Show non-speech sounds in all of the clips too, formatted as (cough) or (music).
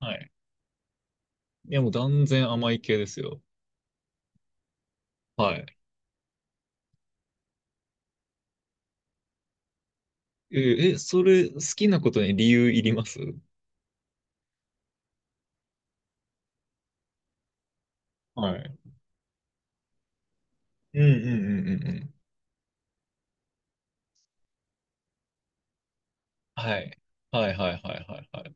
はい。いや、もう断然甘い系ですよ。はい。それ、好きなことに理由いります？はい。うんうんうんうんうん。はい。はいはいはいはいはい。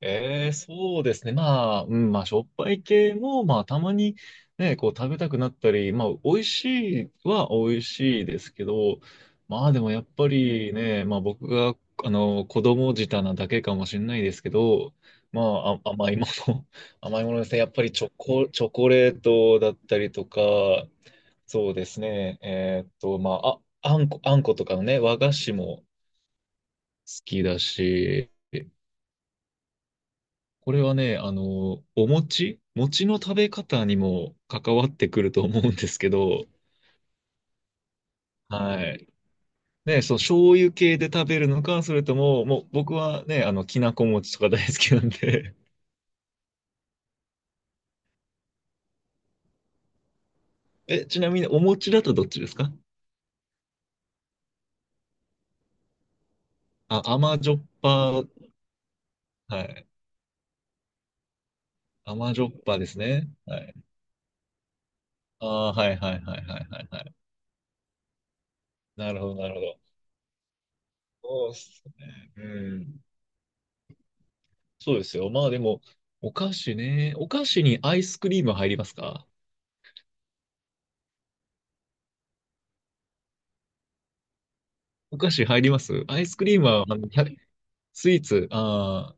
ええ、そうですね。しょっぱい系も、まあ、たまにね、こう、食べたくなったり、まあ、美味しいは美味しいですけど、でもやっぱりね、まあ、僕が、あの、子供舌なだけかもしれないですけど、甘いもの、(laughs) 甘いものですね。やっぱりチョコレートだったりとか、そうですね。えーっと、まあ、あ、あんこ、あんことかのね、和菓子も好きだし、これはね、あの、餅の食べ方にも関わってくると思うんですけど、はい。ね、そう醤油系で食べるのか、それとも、もう僕はね、あの、きなこ餅とか大好きなんで。 (laughs) え、ちなみにお餅だとどっちですか？あ、甘じょっぱ、はい。甘じょっぱですね。はい。ああ、はいはいはいはいはいはい。なるほど、なるほど。そうっすね。うん。そうですよ。まあでも、お菓子ね。お菓子にアイスクリーム入りますか？お菓子入ります？アイスクリームは、あの、ひゃくスイーツ、あ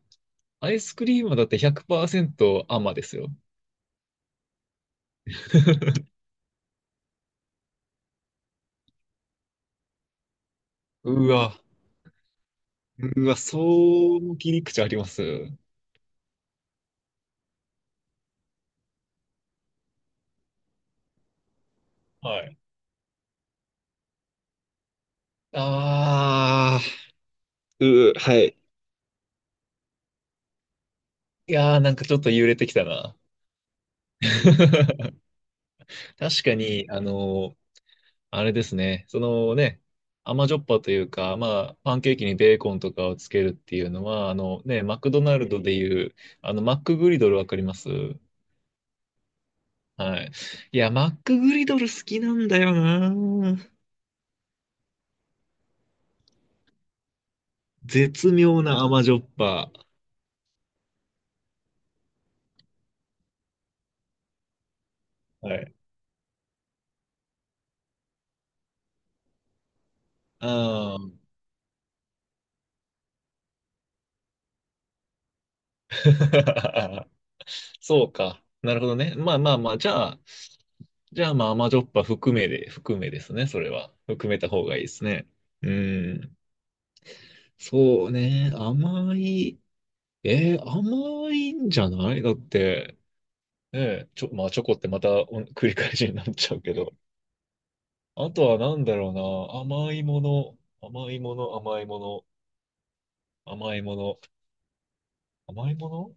あ、アイスクリームはだって100%甘ですよ。(laughs) うわ、うわ、そう切り口あります。はい。ああ、うー、はい。いやー、なんかちょっと揺れてきたな。(laughs) 確かに、あれですね、そのね、甘じょっぱというか、まあ、パンケーキにベーコンとかをつけるっていうのは、あのね、マクドナルドでいう、あの、マックグリドルわかります？はい。いや、マックグリドル好きなんだよな。絶妙な甘じょっぱ。はい。ああ。(laughs) そうか。なるほどね。まあまあまあ、じゃあ、じゃあまあ甘じょっぱ含めで、含めですね。それは。含めた方がいいですね。うん。そうね。甘い。えー甘いんじゃないだって、まあチョコってまたお繰り返しになっちゃうけど。あとはなんだろうな。甘いもの、甘いもの、甘いもの、甘いもの、甘いもの、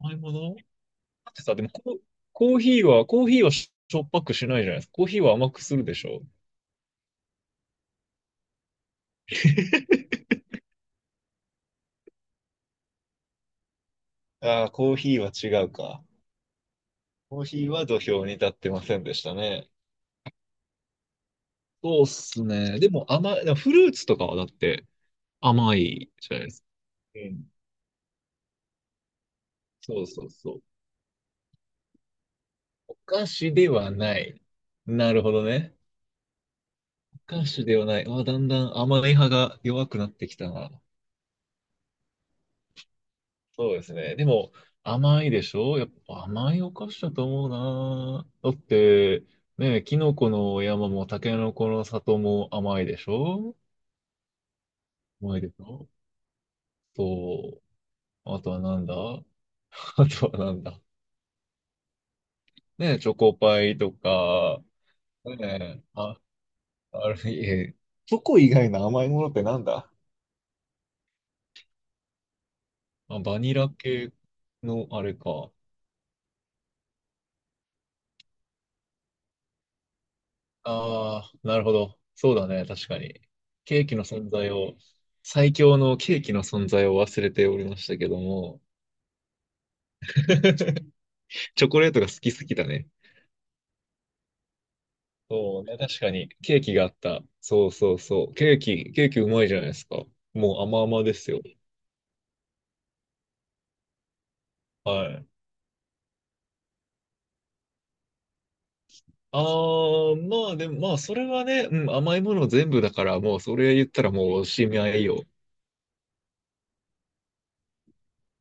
甘いもの、だってさ、でもココーヒーは、コーヒーはしょっぱくしないじゃないですか。コーヒーは甘くするでしょ。ああ、コーヒーは違うか。コーヒーは土俵に立ってませんでしたね。そうっすね。でも甘い、でもフルーツとかはだって甘いじゃないですか。うん。そうそうそう。お菓子ではない。なるほどね。お菓子ではない。あ、だんだん甘い派が弱くなってきたな。そうですね。でも、甘いでしょ、やっぱ甘いお菓子だと思うな。だって、ねえ、キノコの山もタケノコの里も甘いでしょ？甘いでしょ？そう。あとはなんだ。 (laughs) あとはなんだ、ねえ、チョコパイとか、ねえ、あ、あれ、え、チョコ以外の甘いものってなんだ？あ、バニラ系のあれか。ああ、なるほど。そうだね、確かに。ケーキの存在を、最強のケーキの存在を忘れておりましたけども、(laughs) チョコレートが好きすぎだね。そうね、確かに。ケーキがあった。そうそうそう。ケーキうまいじゃないですか。もう甘々ですよ。はい。ああ、まあでも、まあそれはね、うん、甘いもの全部だから、もうそれ言ったらもうおしまいよ。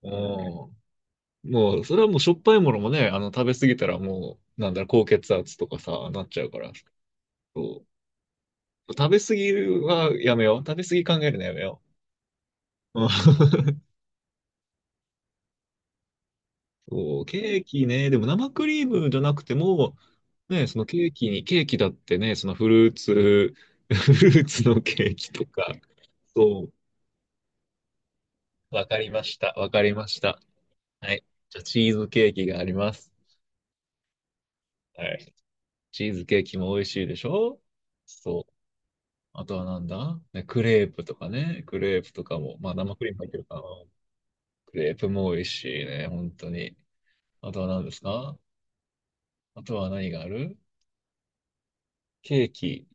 うん。もう、それはもうしょっぱいものもね、あの、食べ過ぎたらもう、なんだろう、高血圧とかさ、なっちゃうから、そう。食べ過ぎはやめよう。食べ過ぎ考えるのやめよう。うん。 (laughs) そう、ケーキね、でも生クリームじゃなくても、ね、ケーキだってね、そのフルーツ、(laughs) フルーツのケーキとか、そう、わかりました。わかりました。はい。じゃあ、チーズケーキがあります。はい。チーズケーキも美味しいでしょ？そう。あとはなんだね、クレープとかね。クレープとかも。まあ生クリーム入ってるかな。クレープも美味しいね、本当に。あとは何ですか？あとは何がある？ケーキ。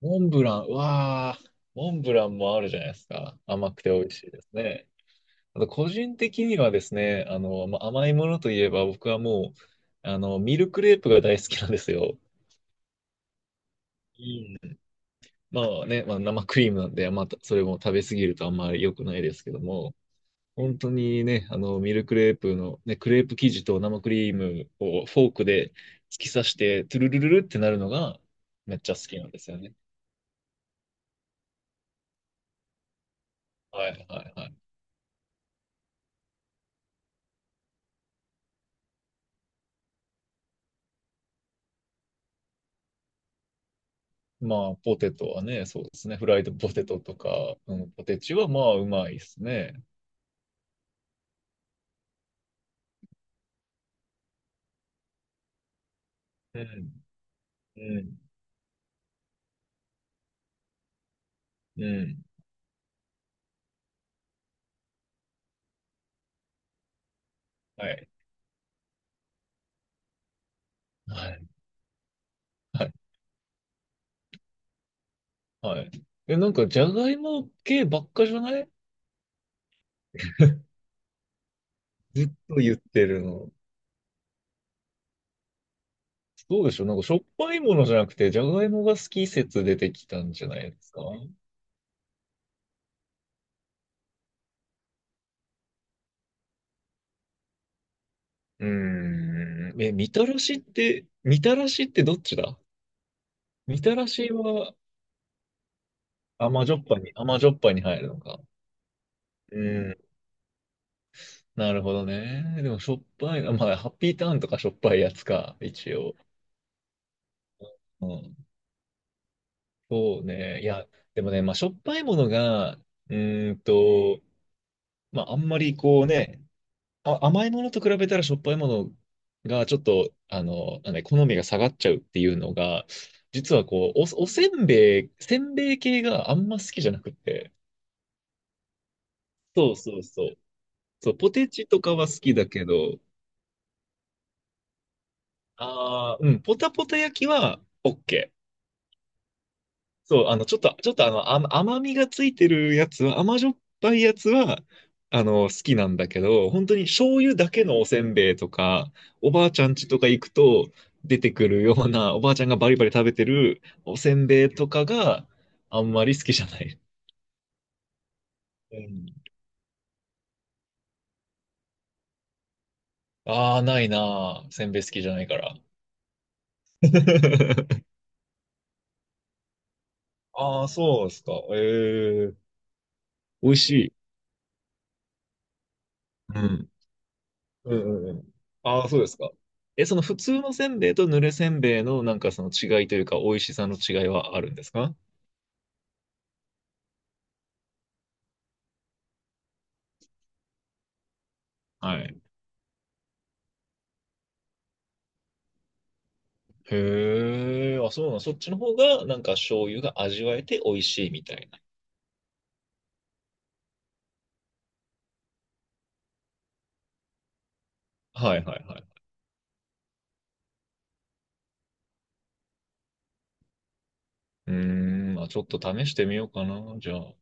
モンブラン。うわあ、モンブランもあるじゃないですか。甘くて美味しいですね。あと個人的にはですね、あの、まあ、甘いものといえば僕はもう、あの、ミルクレープが大好きなんですよ。うん。まあね、まあ、生クリームなんで、まあ、それも食べ過ぎるとあんまり良くないですけども。本当にね、あの、ミルクレープの、ね、クレープ生地と生クリームをフォークで突き刺して、トゥルルルルってなるのがめっちゃ好きなんですよね。はいはいはい。まあ、ポテトはね、そうですね。フライドポテトとか、うん、ポテチはまあ、うまいですね。うん、うん、うん。はい。はい。はい。はい。え、なんか、じゃがいも系ばっかじゃない？ずっと言ってるの。そうでしょ、なんか、しょっぱいものじゃなくて、じゃがいもが好き説出てきたんじゃないですか？うーん。え、みたらしってどっちだ？みたらしは甘じょっぱいに、甘じょっぱいに入るのか。うん。なるほどね。でもしょっぱいな、まあ、ハッピーターンとかしょっぱいやつか、一応。うん。そうね。いや、でもね、まあ、しょっぱいものが、うーんと、まあ、あんまりこうね、あ、甘いものと比べたらしょっぱいものがちょっと、あの、なんだ、好みが下がっちゃうっていうのが、実はこう、お、おせんべい、せんべい系があんま好きじゃなくて。そうそうそう。そう、ポテチとかは好きだけど、ああ、うん、ポタポタ焼きは OK。そう、あの、ちょっとあの、甘みがついてるやつは、甘じょっぱいやつは、あの、好きなんだけど、本当に醤油だけのおせんべいとか、おばあちゃん家とか行くと出てくるような、おばあちゃんがバリバリ食べてるおせんべいとかがあんまり好きじゃない。うん。ああ、ないなあ。せんべい好きじゃないから。(laughs) ああ、そうですか。ええ、美味しい。うん。うんうんうん。ああ、そうですか。え、その普通のせんべいとぬれせんべいのなんかその違いというか美味しさの違いはあるんですか？はい。へえ、あ、そうなん、そっちの方がなんか醤油が味わえて美味しいみたいな。はいはいはい。うーん、まあちょっと試してみようかな、じゃあ。